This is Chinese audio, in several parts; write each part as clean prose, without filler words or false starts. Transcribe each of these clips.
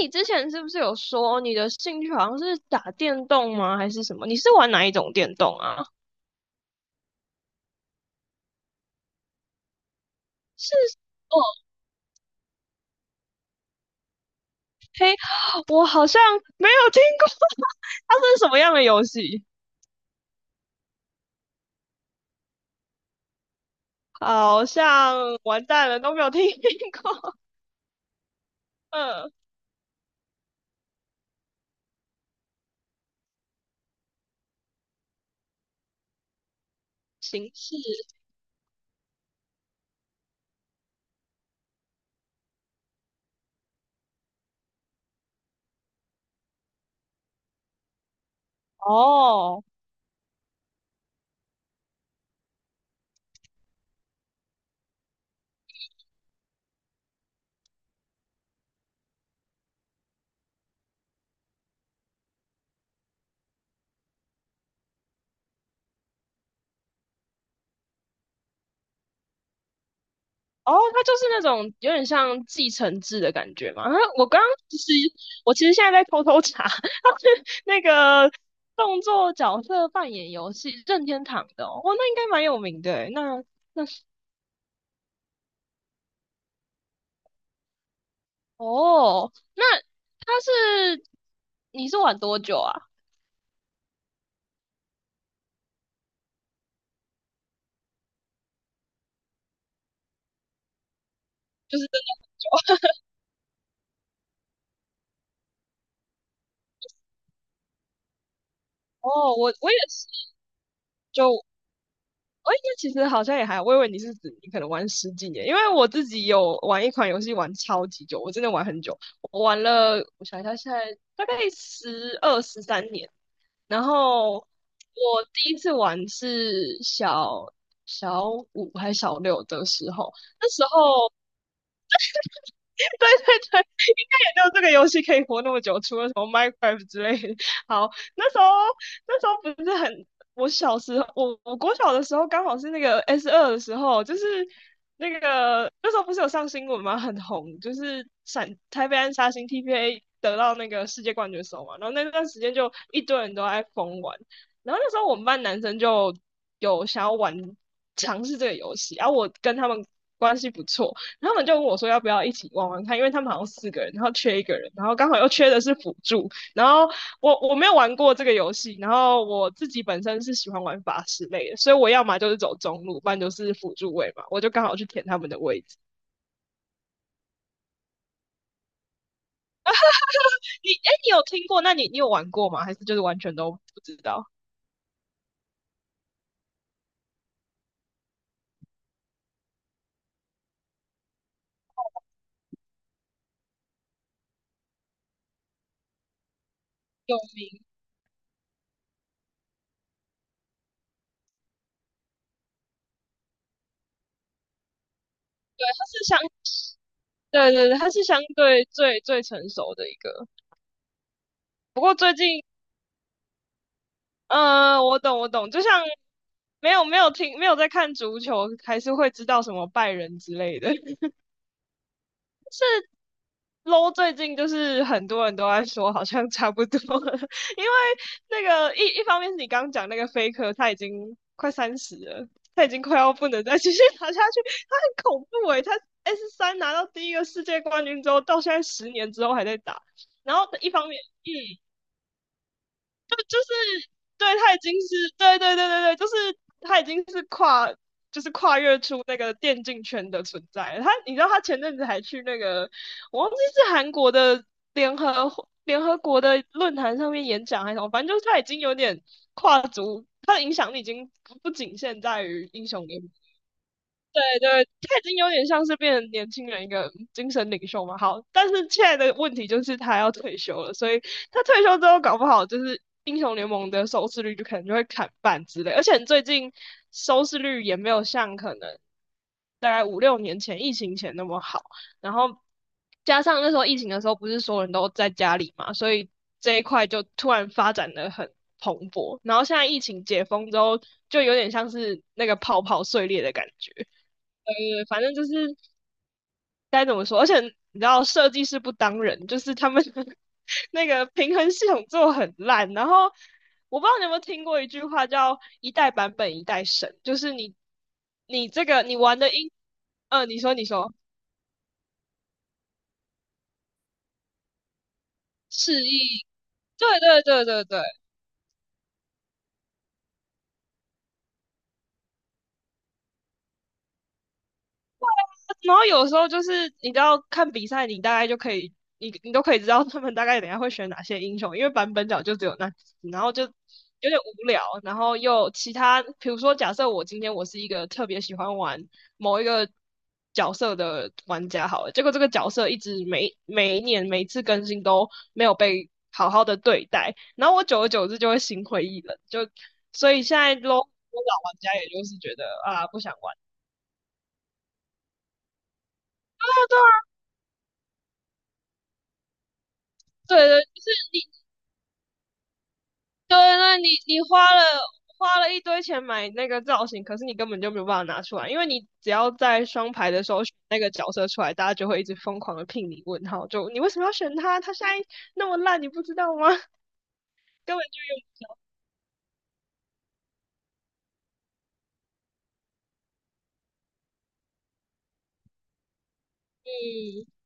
你之前是不是有说你的兴趣好像是打电动吗？还是什么？你是玩哪一种电动啊？是哦，嘿，我好像没有听过，它是什么样的游戏？好像完蛋了，都没有听过。嗯，形式哦。哦，它就是那种有点像继承制的感觉嘛。啊我刚刚其实，我其实现在在偷偷查，它是那个动作角色扮演游戏任天堂的哦，哇那应该蛮有名的诶那哦，那它是你是玩多久啊？就是哦，我也是，就哦，那其实好像也还好。我以为你是指你可能玩十几年，因为我自己有玩一款游戏玩超级久，我真的玩很久，我玩了，我想一下，现在大概十二十三年。然后我第一次玩是小小五还是小六的时候，那时候 对对，对，应该也就这个游戏可以活那么久，除了什么 Minecraft 之类的。好，那时候那时候不是很，我小时候我国小的时候刚好是那个 S 二的时候，就是那个那时候不是有上新闻吗？很红，就是闪台北安杀星 TPA 得到那个世界冠军手嘛，然后那段时间就一堆人都在疯玩，然后那时候我们班男生就有想要玩尝试这个游戏，然后我跟他们关系不错。他们就问我说要不要一起玩玩看，因为他们好像四个人，然后缺一个人，然后刚好又缺的是辅助，然后我没有玩过这个游戏，然后我自己本身是喜欢玩法师类的，所以我要么就是走中路，不然就是辅助位嘛，我就刚好去填他们的位置。你哎，你有听过？那你有玩过吗？还是就是完全都不知道？有名，它是相对对对，它是相对最最成熟的一个。不过最近嗯，我懂，我懂，就像没有没有听没有在看足球，还是会知道什么拜仁之类的。low 最近就是很多人都在说，好像差不多了，因为那个一方面是你刚刚讲那个 f a 他已经快三十了，他已经快要不能再继续 打下去，他很恐怖诶、他 S 三拿到第一个世界冠军之后，到现在十年之后还在打，然后一方面。嗯对，他已经是，对对对对对，就是他已经是跨，就是跨越出那个电竞圈的存在了他，你知道他前阵子还去那个，我忘记是韩国的联合联合国的论坛上面演讲还是什么，反正就是他已经有点跨足，他的影响力已经不仅限在于英雄联盟对对，他已经有点像是变成年轻人一个精神领袖嘛。好，但是现在的问题就是他要退休了，所以他退休之后搞不好就是英雄联盟的收视率就可能就会砍半之类。而且最近收视率也没有像可能大概五六年前疫情前那么好，然后加上那时候疫情的时候不是所有人都在家里嘛，所以这一块就突然发展的很。蓬勃，然后现在疫情解封之后，就有点像是那个泡泡碎裂的感觉。呃，反正就是该怎么说，而且你知道设计师不当人，就是他们 那个平衡系统做得很烂。然后我不知道你有没有听过一句话叫"一代版本一代神"，就是你你这个你玩的英，嗯、你说示意，对对对对对，然后有时候就是你知道看比赛，你大概就可以，你都可以知道他们大概等一下会选哪些英雄，因为版本角就只有那几只然后就有点无聊，然后又其他，比如说假设我今天我是一个特别喜欢玩某一个角色的玩家好了，结果这个角色一直每一年每一次更新都没有被好好的对待，然后我久而久之就会心灰意冷，就所以现在 l 老玩家也就是觉得啊不想玩。对对，就是你对，那你花了一堆钱买那个造型，可是你根本就没有办法拿出来，因为你只要在双排的时候选那个角色出来，大家就会一直疯狂的聘礼问号，就你为什么要选他？他现在那么烂，你不知道吗？根本就用，嗯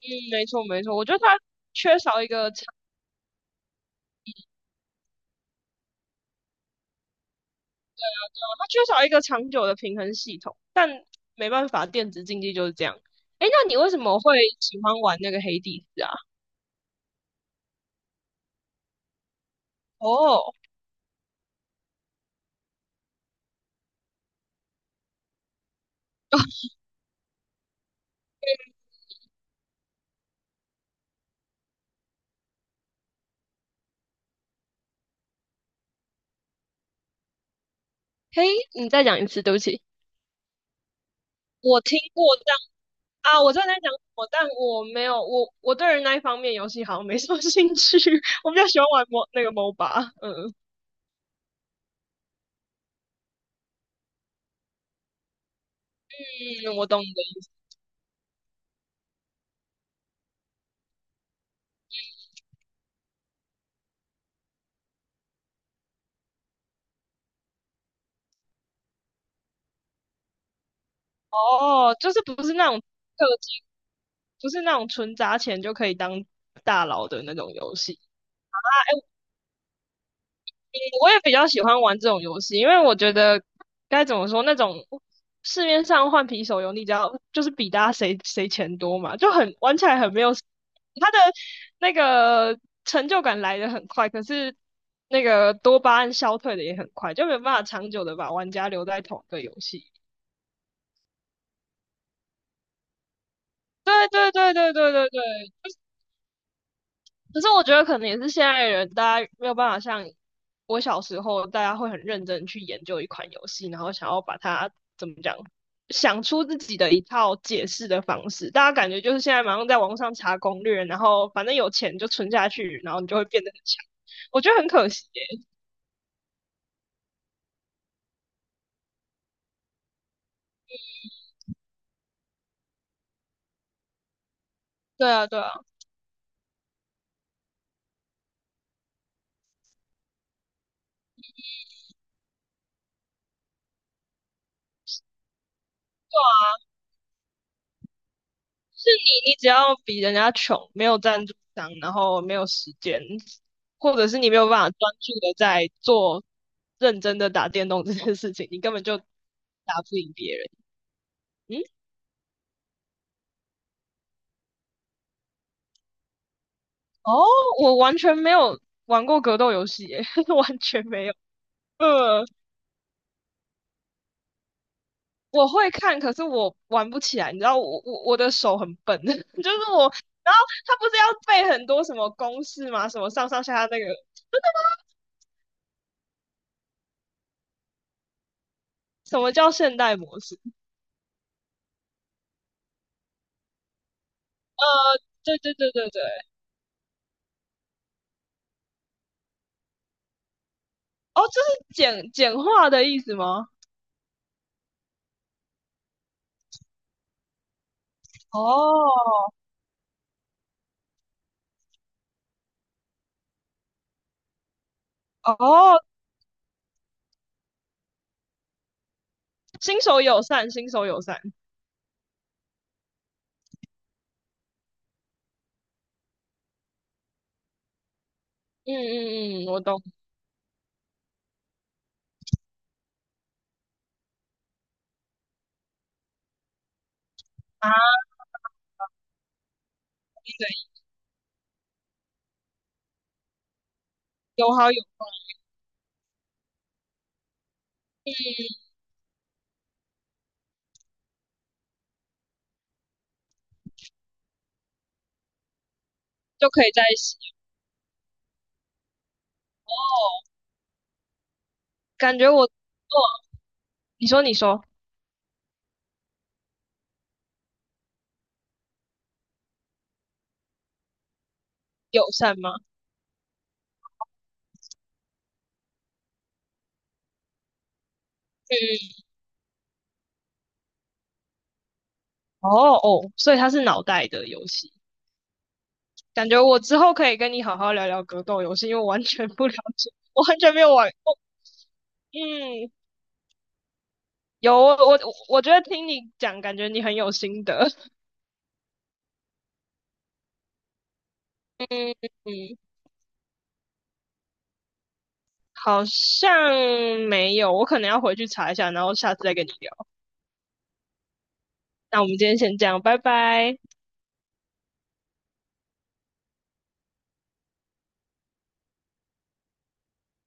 嗯，没错没错，我觉得缺少一个长，他缺少一个长久的平衡系统，但没办法，电子竞技就是这样。诶，那你为什么会喜欢玩那个黑帝斯啊？哦，嘿，你再讲一次，对不起。我听过，啊，我知道你在讲我，但我没有，我对于那一方面游戏好像没什么 兴趣，我比较喜欢玩 m 那个 MOBA，嗯嗯，我懂的。哦，就是不是那种氪金，不是那种纯砸钱就可以当大佬的那种游戏。嗯，我也比较喜欢玩这种游戏，因为我觉得该怎么说，那种市面上换皮手游，你只要就是比大家谁谁钱多嘛，就很玩起来很没有他的那个成就感来得很快，可是那个多巴胺消退的也很快，就没有办法长久的把玩家留在同一个游戏。对对对对对对对。可是我觉得可能也是现在的人，大家没有办法像我小时候，大家会很认真去研究一款游戏，然后想要把它怎么讲，想出自己的一套解释的方式。大家感觉就是现在马上在网上查攻略，然后反正有钱就存下去，然后你就会变得很强。我觉得很可惜耶。对啊，对啊。你只要比人家穷，没有赞助商，然后没有时间，或者是你没有办法专注的在做认真的打电动这件事情，你根本就打不赢别人。嗯，哦，我完全没有玩过格斗游戏耶，完全没有。呃，我会看，可是我玩不起来，你知道我的手很笨，就是我，然后他不是要背很多什么公式吗？什么上上下下那个，什么叫现代模式？对对对对对，哦，这是简化的意思吗？哦哦，新手友善，新手友善。嗯嗯嗯，我懂啊，对，有好有就可以在一起。感觉我做，你说友善吗？嗯嗯哦哦，所以它是脑袋的游戏。感觉我之后可以跟你好好聊聊格斗游戏，因为我完全不了解，我完全没有玩过。嗯，有我我觉得听你讲，感觉你很有心得。嗯嗯。好像没有，我可能要回去查一下，然后下次再跟你聊。那我们今天先这样，拜拜。